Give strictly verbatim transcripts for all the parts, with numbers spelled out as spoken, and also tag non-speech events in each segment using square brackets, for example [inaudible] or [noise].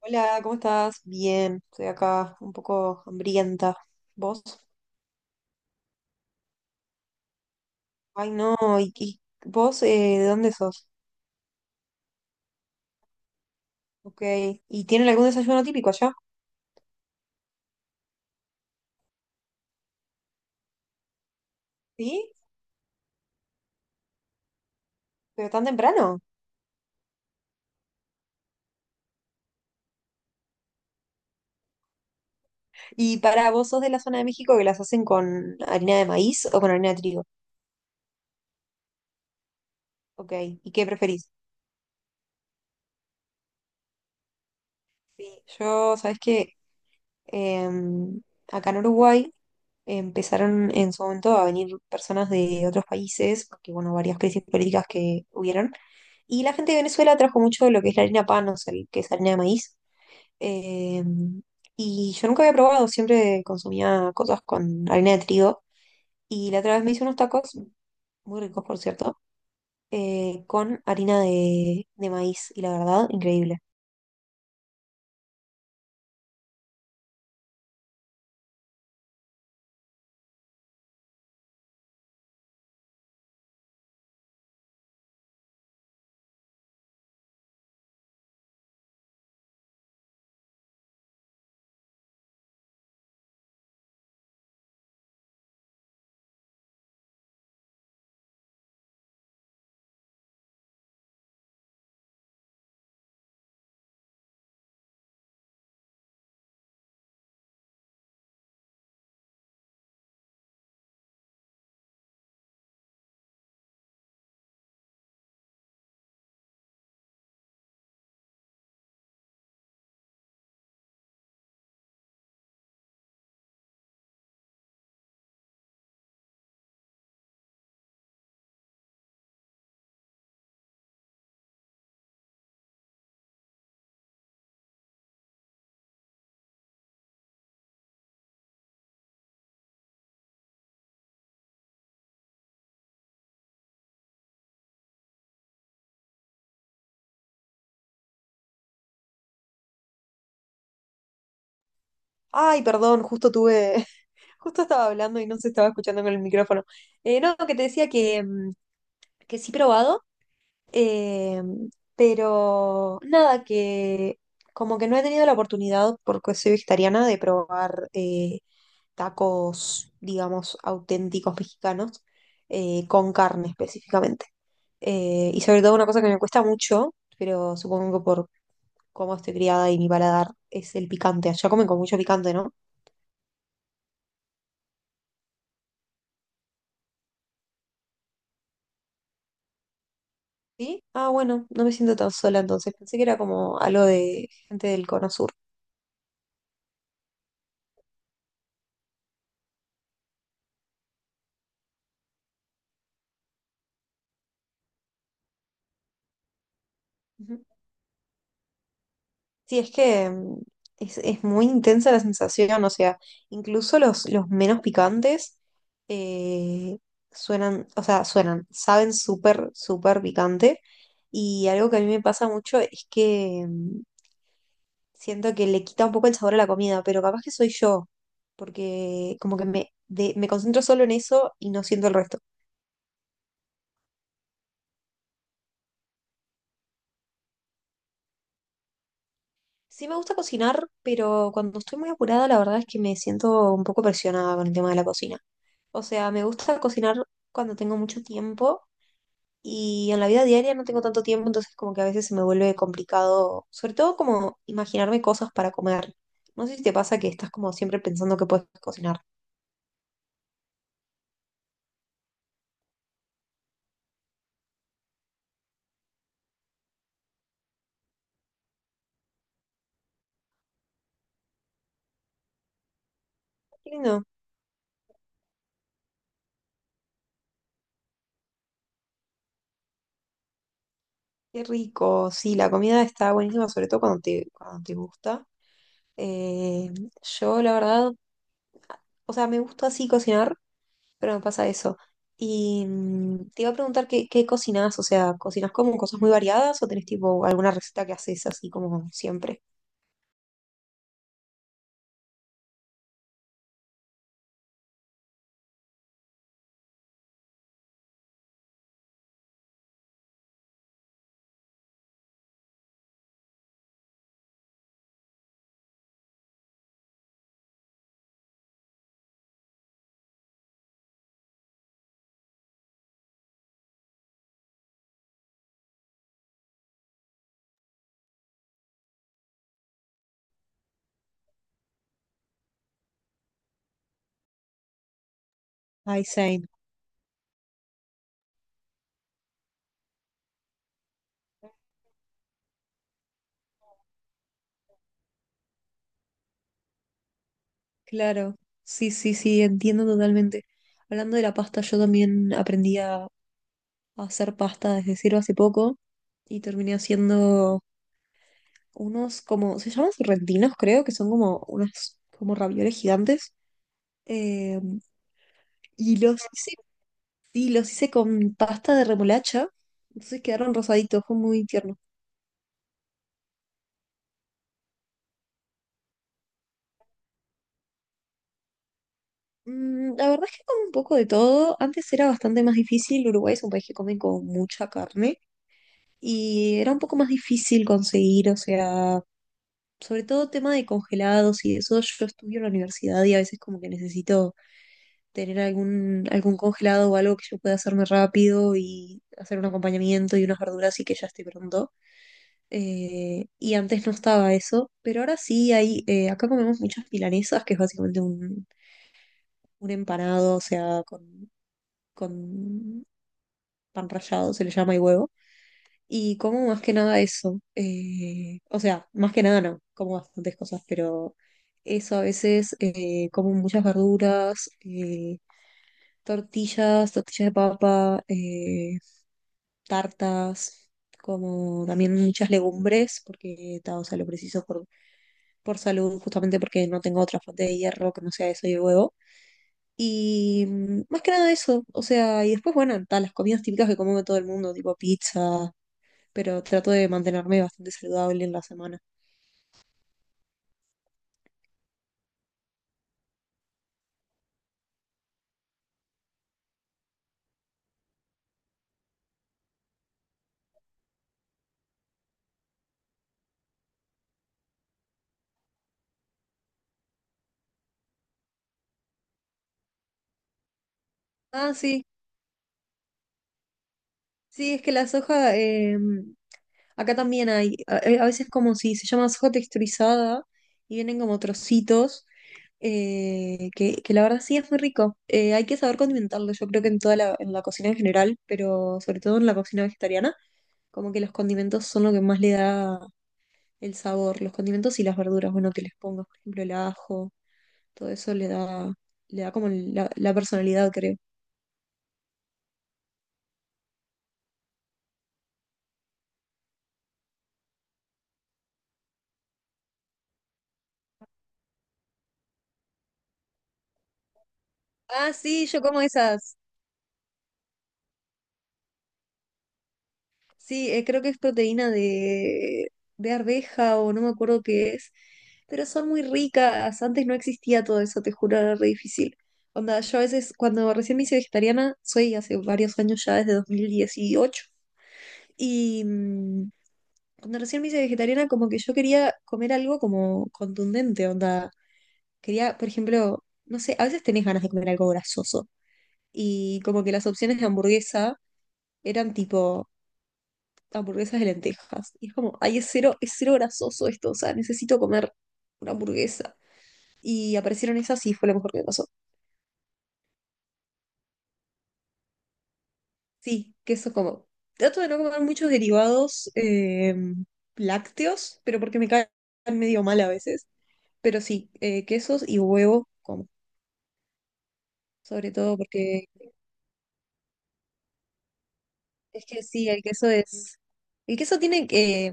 Hola, ¿cómo estás? Bien, estoy acá un poco hambrienta. ¿Vos? Ay, no, ¿y, y vos eh, de dónde sos? Ok, ¿y tienen algún desayuno típico allá? ¿Sí? ¿Pero tan temprano? ¿Y para vos sos de la zona de México que las hacen con harina de maíz o con harina de trigo? Ok, ¿y qué preferís? Sí, yo, ¿sabés qué? Em, Acá en Uruguay empezaron en su momento a venir personas de otros países, porque bueno, varias crisis políticas que hubieron. Y la gente de Venezuela trajo mucho lo que es la harina pan, o sea, el- que es harina de maíz. Eh, y yo nunca había probado, siempre consumía cosas con harina de trigo. Y la otra vez me hice unos tacos, muy ricos por cierto, eh, con harina de, de maíz. Y la verdad, increíble. Ay, perdón, justo tuve, [laughs] justo estaba hablando y no se estaba escuchando con el micrófono. Eh, no, que te decía que, mm, que sí he probado. Eh, pero nada, que como que no he tenido la oportunidad, porque soy vegetariana, de probar eh, tacos, digamos, auténticos mexicanos, eh, con carne específicamente. Eh, y sobre todo una cosa que me cuesta mucho, pero supongo que por cómo estoy criada y mi paladar, es el picante. Allá comen con mucho picante, ¿no? ¿Sí? Ah, bueno, no me siento tan sola entonces. Pensé que era como algo de gente del Cono Sur. Ujú. Sí, es que mm, es, es muy intensa la sensación, o sea, incluso los, los menos picantes eh, suenan, o sea, suenan, saben súper, súper picante. Y algo que a mí me pasa mucho es que mm, siento que le quita un poco el sabor a la comida, pero capaz que soy yo, porque como que me, de- me concentro solo en eso y no siento el resto. Sí me gusta cocinar, pero cuando estoy muy apurada, la verdad es que me siento un poco presionada con el tema de la cocina. O sea, me gusta cocinar cuando tengo mucho tiempo y en la vida diaria no tengo tanto tiempo, entonces como que a veces se me vuelve complicado, sobre todo como imaginarme cosas para comer. No sé si te pasa que estás como siempre pensando que puedes cocinar. Qué lindo, qué rico. Sí, la comida está buenísima, sobre todo cuando te, cuando te gusta. Eh, yo, la verdad, o sea, me gusta así cocinar pero me pasa eso. Y mm, te iba a preguntar qué, qué cocinas, o sea, ¿cocinas como cosas muy variadas o tenés tipo alguna receta que haces así como siempre? Ay, same. Claro. Sí, sí, sí, entiendo totalmente. Hablando de la pasta, yo también aprendí a a hacer pasta desde cero hace poco y terminé haciendo unos como, se llaman sorrentinos, creo, que son como unas como ravioles gigantes. Eh, y los hice. Sí, los hice con pasta de remolacha, entonces quedaron rosaditos, fue muy tierno. Mm, la verdad es que como un poco de todo, antes era bastante más difícil, Uruguay es un país que come con mucha carne y era un poco más difícil conseguir, o sea, sobre todo tema de congelados y eso, yo estudio en la universidad y a veces como que necesito tener algún, algún congelado o algo que yo pueda hacerme rápido y hacer un acompañamiento y unas verduras y que ya esté pronto. Eh, y antes no estaba eso, pero ahora sí hay, eh, acá comemos muchas milanesas, que es básicamente un, un empanado, o sea, con, con pan rallado, se le llama y huevo. Y como más que nada eso, eh, o sea, más que nada no, como bastantes cosas, pero eso a veces eh, como muchas verduras, eh, tortillas, tortillas de papa, eh, tartas, como también muchas legumbres, porque ta, o sea, lo preciso por salud, justamente porque no tengo otra fuente de hierro que no sea eso y el huevo. Y mm, más que nada eso, o sea, y después, bueno, ta, las comidas típicas que come todo el mundo, tipo pizza, pero trato de mantenerme bastante saludable en la semana. Ah, sí, sí, es que la soja, eh, acá también hay, a, eh, a veces como si se llama soja texturizada y vienen como trocitos, eh, que, que la verdad sí es muy rico. Eh, hay que saber condimentarlo, yo creo que en toda la, en la cocina en general, pero sobre todo en la cocina vegetariana. Como que los condimentos son lo que más le da el sabor. Los condimentos y las verduras, bueno, que les pongas, por ejemplo, el ajo, todo eso le da, le da como la, la personalidad, creo. Ah, sí, yo como esas. Sí, eh, creo que es proteína de, de arveja o no me acuerdo qué es, pero son muy ricas. Antes no existía todo eso, te juro, era re difícil. Onda, yo a veces, cuando recién me hice vegetariana, soy hace varios años ya, desde dos mil dieciocho, y, mm, cuando recién me hice vegetariana, como que yo quería comer algo como contundente, onda. Quería, por ejemplo, no sé, a veces tenés ganas de comer algo grasoso. Y como que las opciones de hamburguesa eran tipo hamburguesas de lentejas. Y es como, ay, es cero, es cero grasoso esto, o sea, necesito comer una hamburguesa. Y aparecieron esas y fue lo mejor que me pasó. Sí, que eso como. Trato de no comer muchos derivados eh, lácteos, pero porque me caen medio mal a veces. Pero sí, eh, quesos y huevo sobre todo porque es que sí, el queso es, el queso tiene que,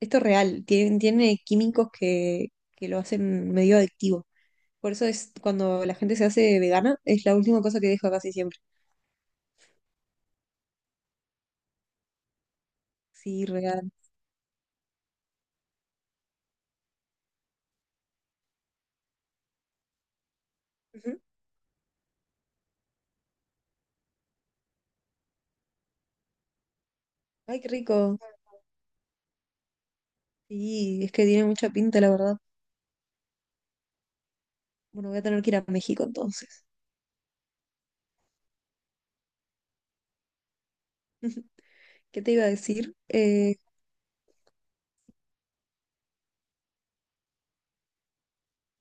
esto es real, tiene, tiene químicos que, que lo hacen medio adictivo. Por eso es cuando la gente se hace vegana, es la última cosa que deja casi siempre. Sí, real. Ujú. Ay, qué rico. Sí, es que tiene mucha pinta, la verdad. Bueno, voy a tener que ir a México entonces. [laughs] ¿Qué te iba a decir? Eh,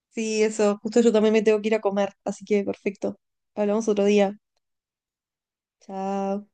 sí, eso, justo yo también me tengo que ir a comer, así que perfecto. Hablamos otro día. Chao.